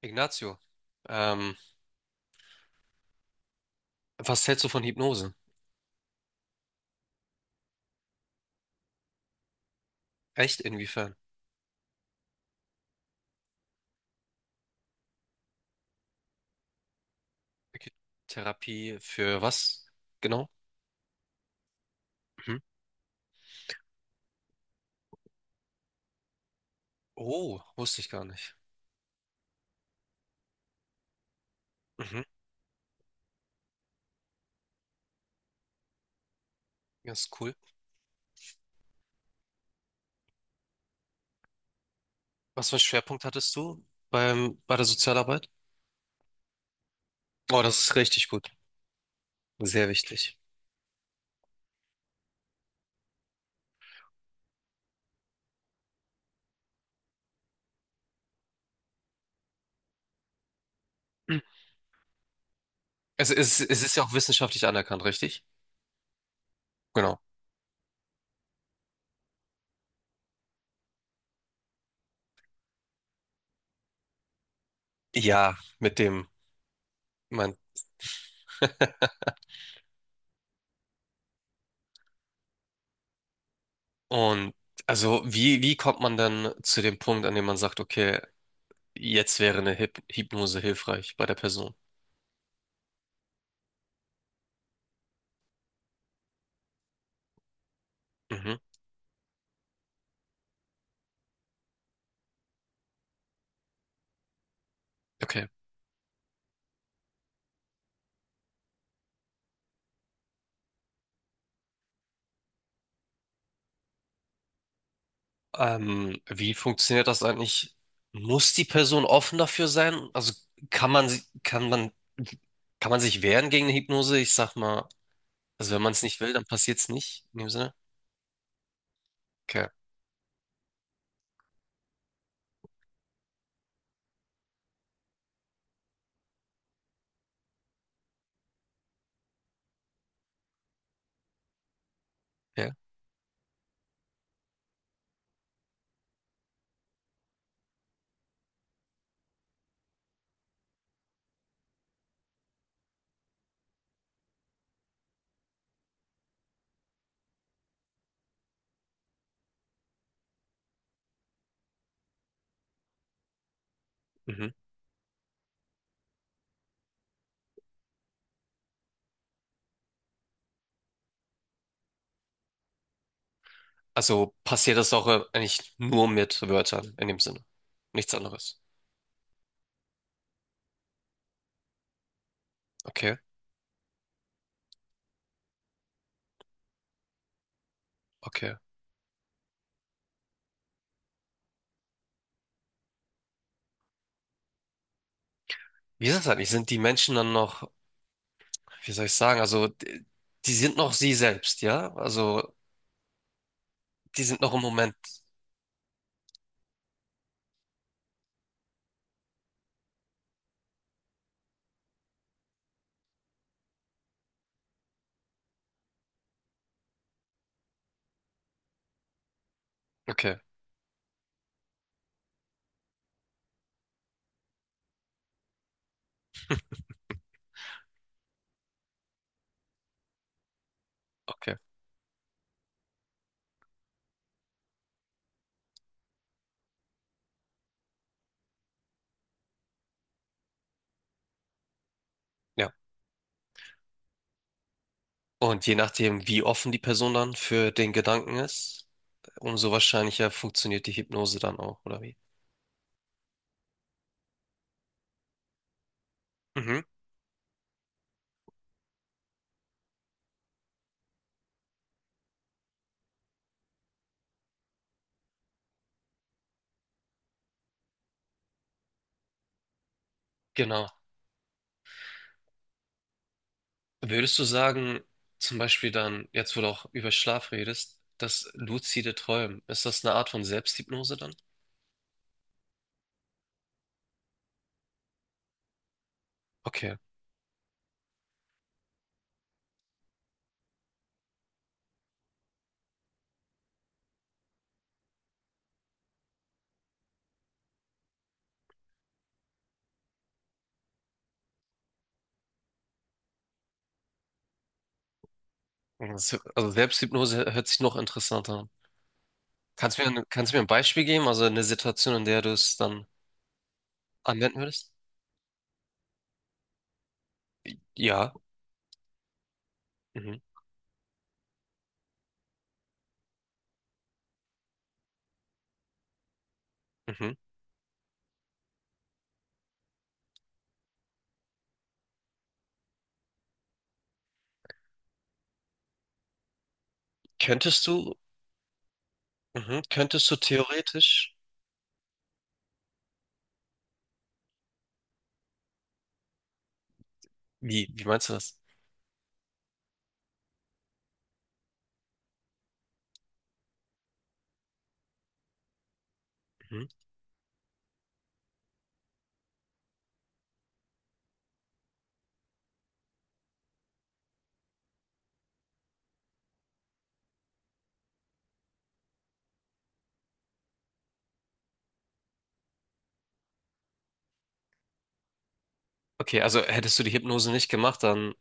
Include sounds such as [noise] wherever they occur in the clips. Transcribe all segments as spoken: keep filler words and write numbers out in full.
Ignacio, ähm, was hältst du von Hypnose? Echt? Inwiefern? Okay. Therapie für was genau? Mhm. Oh, wusste ich gar nicht. Mhm. Das ist cool. Was für einen Schwerpunkt hattest du beim, bei der Sozialarbeit? Oh, das ist richtig gut. Sehr wichtig. [clears throat] Mhm. Es ist, es ist ja auch wissenschaftlich anerkannt, richtig? Genau. Ja, mit dem, mein. [laughs] Und also, wie, wie kommt man dann zu dem Punkt, an dem man sagt, okay, jetzt wäre eine Hyp Hypnose hilfreich bei der Person? Mhm. Okay. Ähm, wie funktioniert das eigentlich? Muss die Person offen dafür sein? Also kann man, sie- kann man, kann man sich wehren gegen eine Hypnose? Ich sag mal, also wenn man es nicht will, dann passiert es nicht in dem Sinne. Okay. Ja. Mhm. Also passiert das auch äh, eigentlich nur mit Wörtern in dem Sinne. Nichts anderes. Okay. Okay. Wie ist das eigentlich? Sind die Menschen dann noch, wie soll ich sagen? Also die, die sind noch sie selbst, ja? Also die sind noch im Moment. Okay. Okay. Ja. Und je nachdem, wie offen die Person dann für den Gedanken ist, umso wahrscheinlicher funktioniert die Hypnose dann auch, oder wie? Mhm, genau. Würdest du sagen, zum Beispiel dann, jetzt wo du auch über Schlaf redest, das luzide Träumen, ist das eine Art von Selbsthypnose dann? Okay. Das- Also Selbsthypnose hört sich noch interessanter an. Kannst du mir, ein- kannst du mir ein Beispiel geben, also eine Situation, in der du es dann anwenden würdest? Ja. Mhm, mhm. Könntest du, mhm, könntest du theoretisch, wie, wie meinst du das? Okay, also hättest du die Hypnose nicht gemacht, dann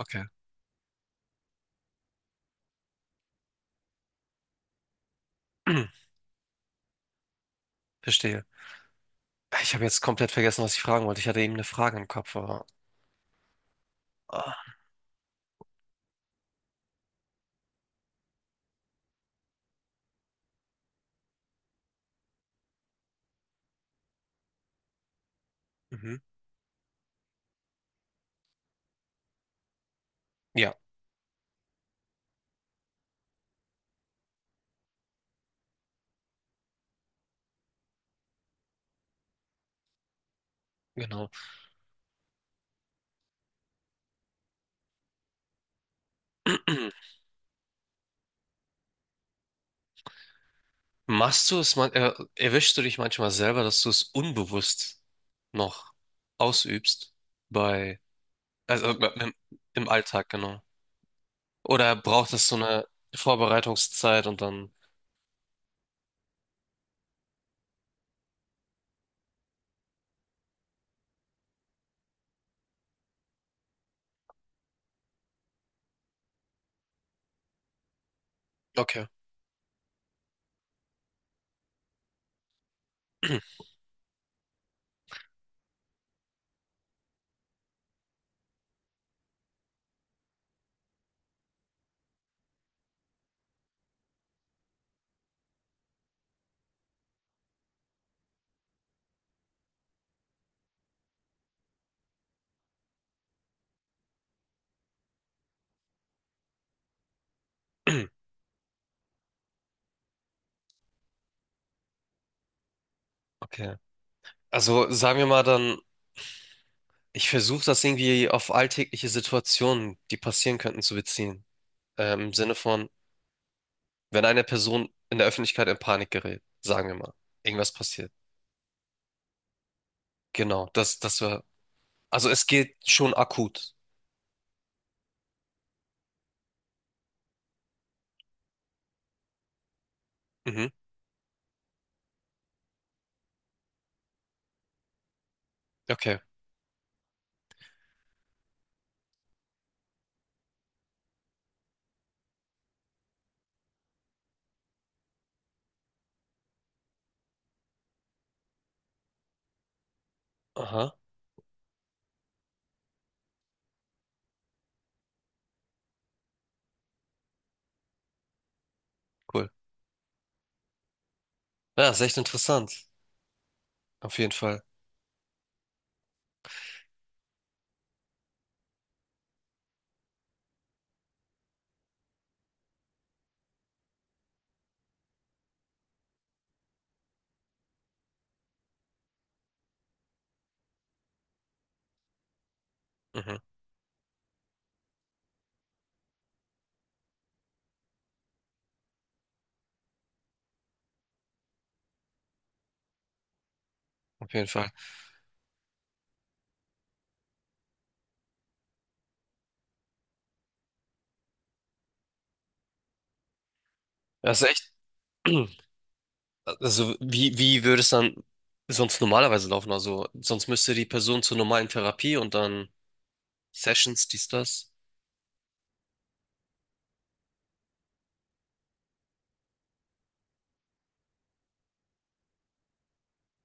okay, [clears throat] verstehe. Ich habe jetzt komplett vergessen, was ich fragen wollte. Ich hatte eben eine Frage im Kopf, aber ah, mhm. Ja, genau. [clears throat] Machst du es man äh, erwischst du dich manchmal selber, dass du es unbewusst noch ausübst bei also äh, im, im Alltag, genau. Oder braucht es so eine Vorbereitungszeit und dann okay. [clears throat] Okay. Also sagen wir mal, dann ich versuche das irgendwie auf alltägliche Situationen, die passieren könnten, zu beziehen. Ähm, Im Sinne von, wenn eine Person in der Öffentlichkeit in Panik gerät, sagen wir mal, irgendwas passiert. Genau, das, das war. Also es geht schon akut. Mhm. Okay. Aha, cool. Ja, ist echt interessant. Auf jeden Fall. Mhm, auf jeden Fall. Das ist echt. [clears throat] Also, wie, wie würde es dann sonst normalerweise laufen? Also, sonst müsste die Person zur normalen Therapie und dann Sessions, dies, das.